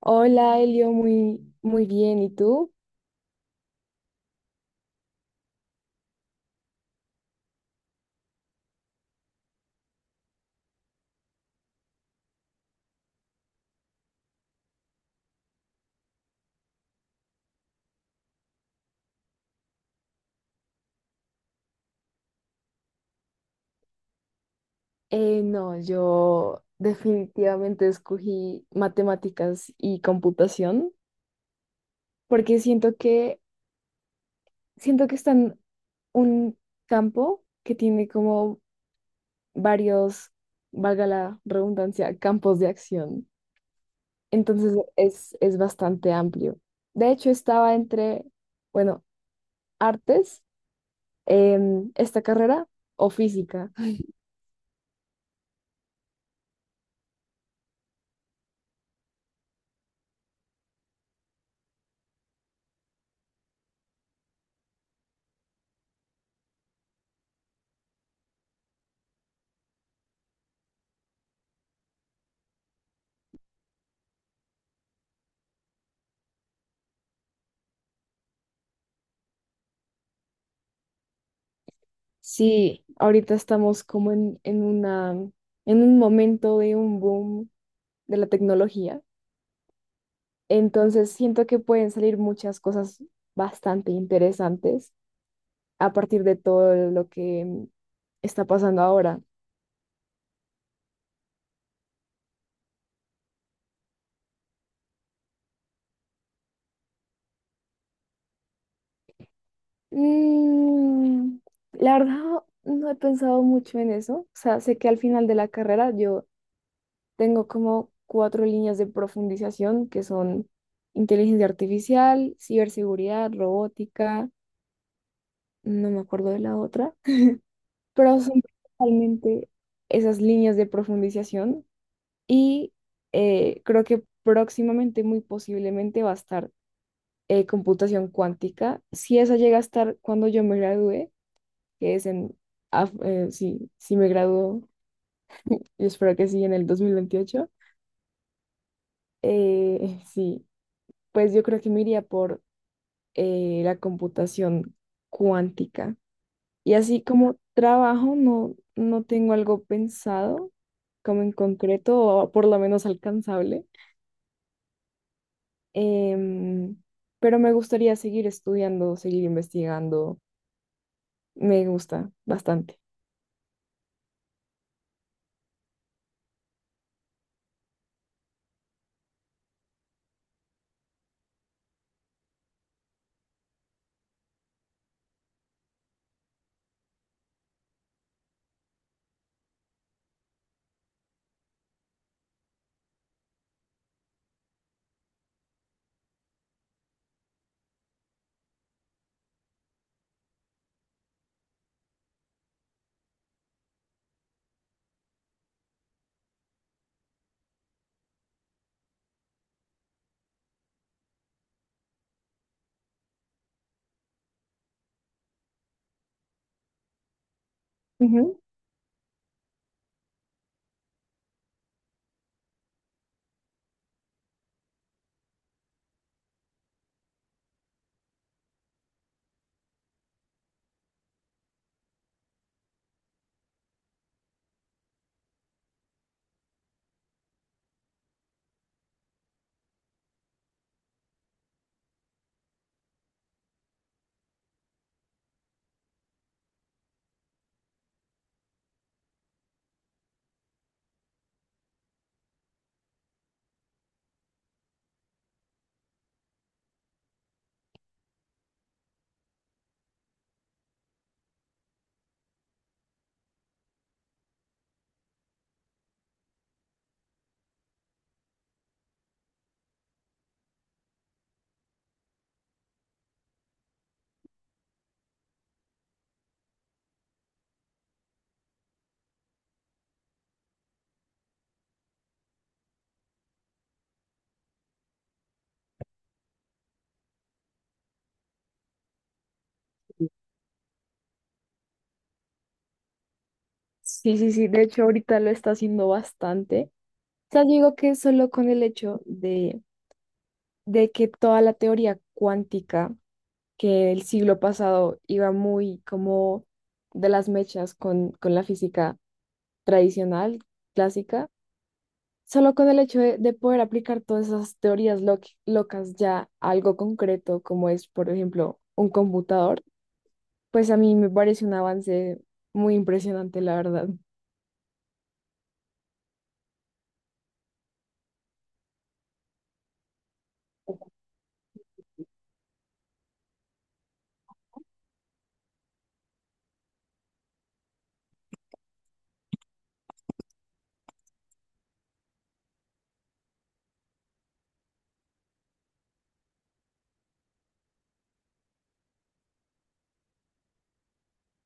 Hola, Elio, muy, muy bien. ¿Y tú? No, yo definitivamente escogí matemáticas y computación porque siento que están un campo que tiene como varios, valga la redundancia, campos de acción. Entonces es bastante amplio. De hecho, estaba entre, bueno, artes, esta carrera o física. Sí, ahorita estamos como en un momento de un boom de la tecnología. Entonces siento que pueden salir muchas cosas bastante interesantes a partir de todo lo que está pasando ahora. Mm, la verdad, no he pensado mucho en eso. O sea, sé que al final de la carrera yo tengo como cuatro líneas de profundización que son inteligencia artificial, ciberseguridad, robótica, no me acuerdo de la otra, pero son principalmente esas líneas de profundización y creo que próximamente, muy posiblemente, va a estar computación cuántica. Si esa llega a estar cuando yo me gradúe, que es en, sí, si me gradúo, yo espero que sí, en el 2028, sí, pues yo creo que me iría por la computación cuántica. Y así como trabajo, no, no tengo algo pensado, como en concreto, o por lo menos alcanzable. Em, pero me gustaría seguir estudiando, seguir investigando. Me gusta bastante. Ujú. Sí, sí, sí. De hecho, ahorita lo está haciendo bastante. O sea, digo que solo con el hecho de que toda la teoría cuántica, que el siglo pasado iba muy como de las mechas con la física tradicional, clásica, solo con el hecho de poder aplicar todas esas teorías locas ya a algo concreto, como es, por ejemplo, un computador, pues a mí me parece un avance muy impresionante, la verdad.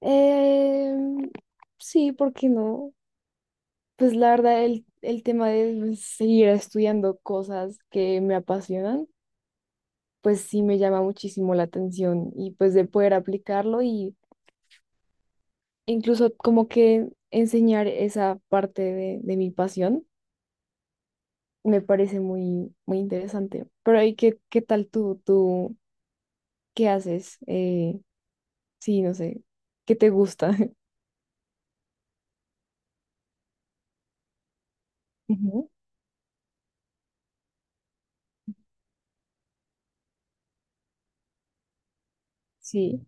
Em, sí, ¿por qué no? Pues la verdad, el tema de seguir estudiando cosas que me apasionan, pues sí me llama muchísimo la atención y pues de poder aplicarlo y e incluso como que enseñar esa parte de mi pasión. Me parece muy, muy interesante. Pero ¿y qué, qué tal tú? ¿Tú qué haces? Sí, no sé. ¿Qué te gusta? Ujú. Sí.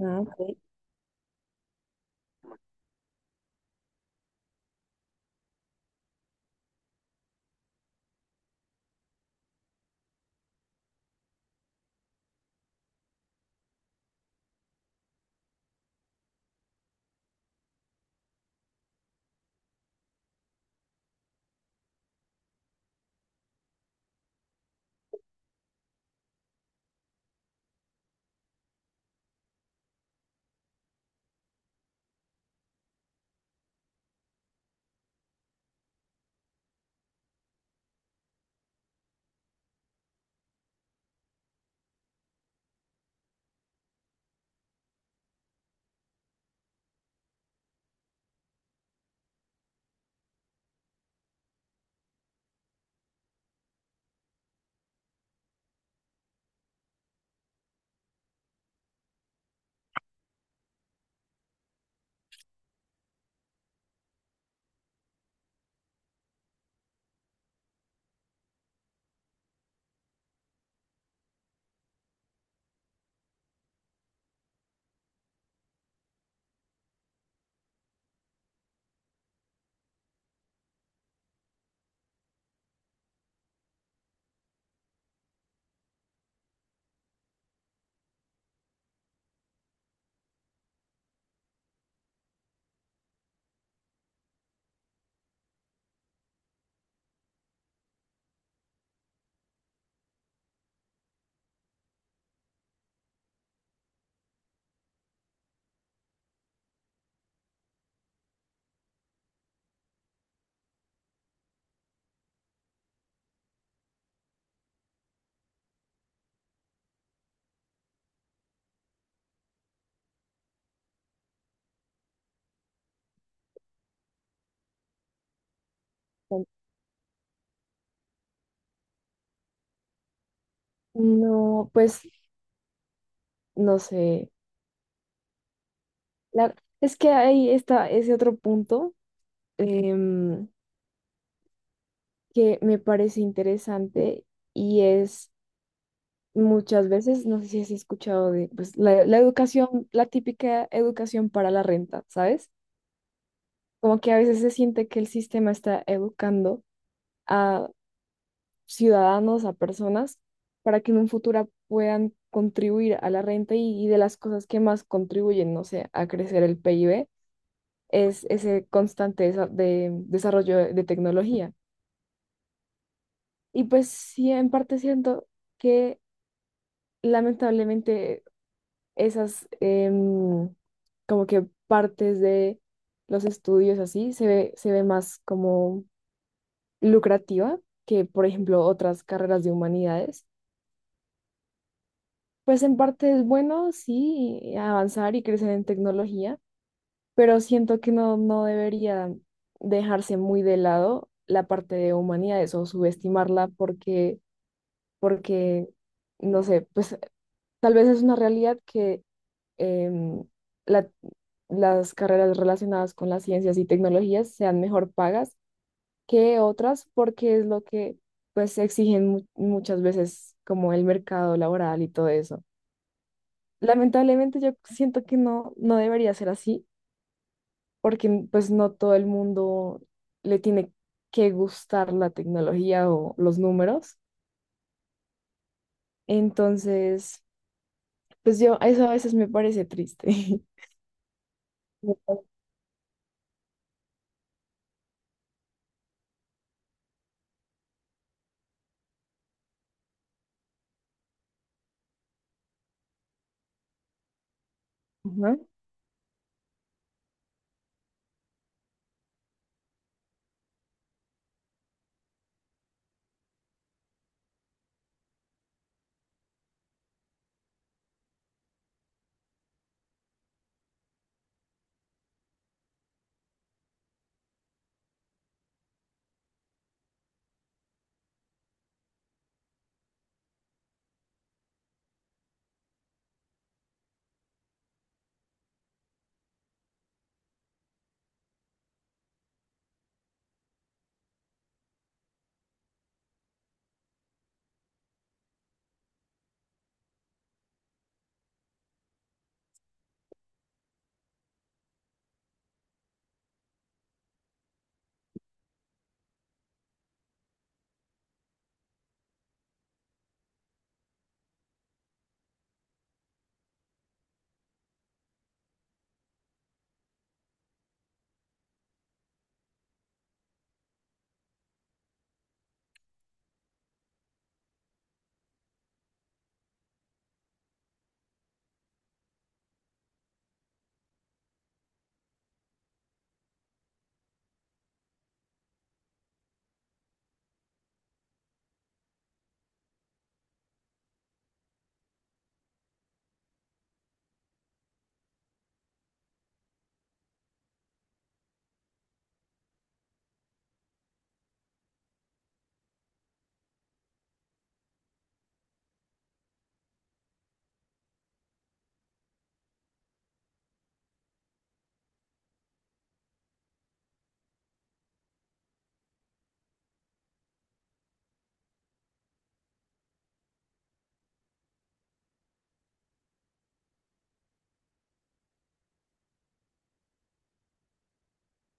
Ah, ok. Bueno, no, pues no sé. La- es que ahí está ese otro punto, em, que me parece interesante y es muchas veces, no sé si has escuchado de pues, la educación, la típica educación para la renta, ¿sabes? Como que a veces se siente que el sistema está educando a ciudadanos, a personas, para que en un futuro puedan contribuir a la renta y de las cosas que más contribuyen, no sé, a crecer el PIB, es ese constante desarrollo de tecnología. Y pues sí, en parte siento que lamentablemente esas como que partes de los estudios así se ve más como lucrativa que, por ejemplo, otras carreras de humanidades. Pues en parte es bueno, sí, avanzar y crecer en tecnología, pero siento que no, no debería dejarse muy de lado la parte de humanidades o subestimarla porque, porque, no sé, pues tal vez es una realidad que em, la- las carreras relacionadas con las ciencias y tecnologías sean mejor pagas que otras porque es lo que pues exigen muchas veces como el mercado laboral y todo eso. Lamentablemente yo siento que no, no debería ser así, porque pues no todo el mundo le tiene que gustar la tecnología o los números. Entonces, pues yo, eso a veces me parece triste. Ajá.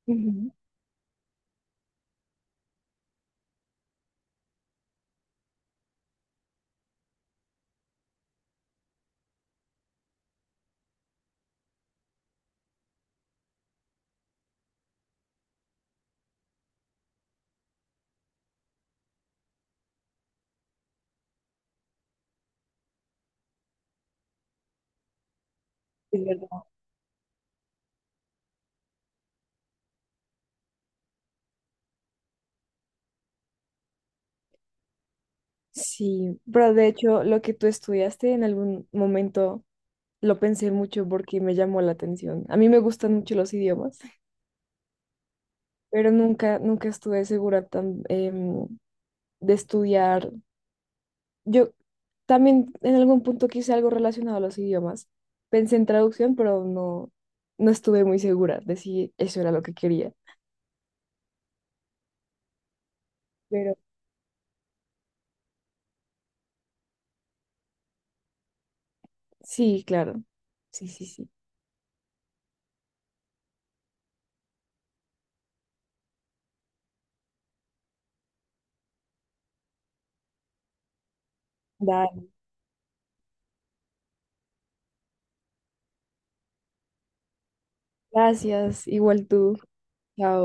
Ujú. Es verdad. Sí, pero de hecho lo que tú estudiaste en algún momento lo pensé mucho porque me llamó la atención. A mí me gustan mucho los idiomas, pero nunca, nunca estuve segura tan, de estudiar. Yo también en algún punto quise algo relacionado a los idiomas. Pensé en traducción, pero no, no estuve muy segura de si eso era lo que quería. Pero sí, claro. Sí, sí, sí. Dale. Gracias. Igual tú. Chao.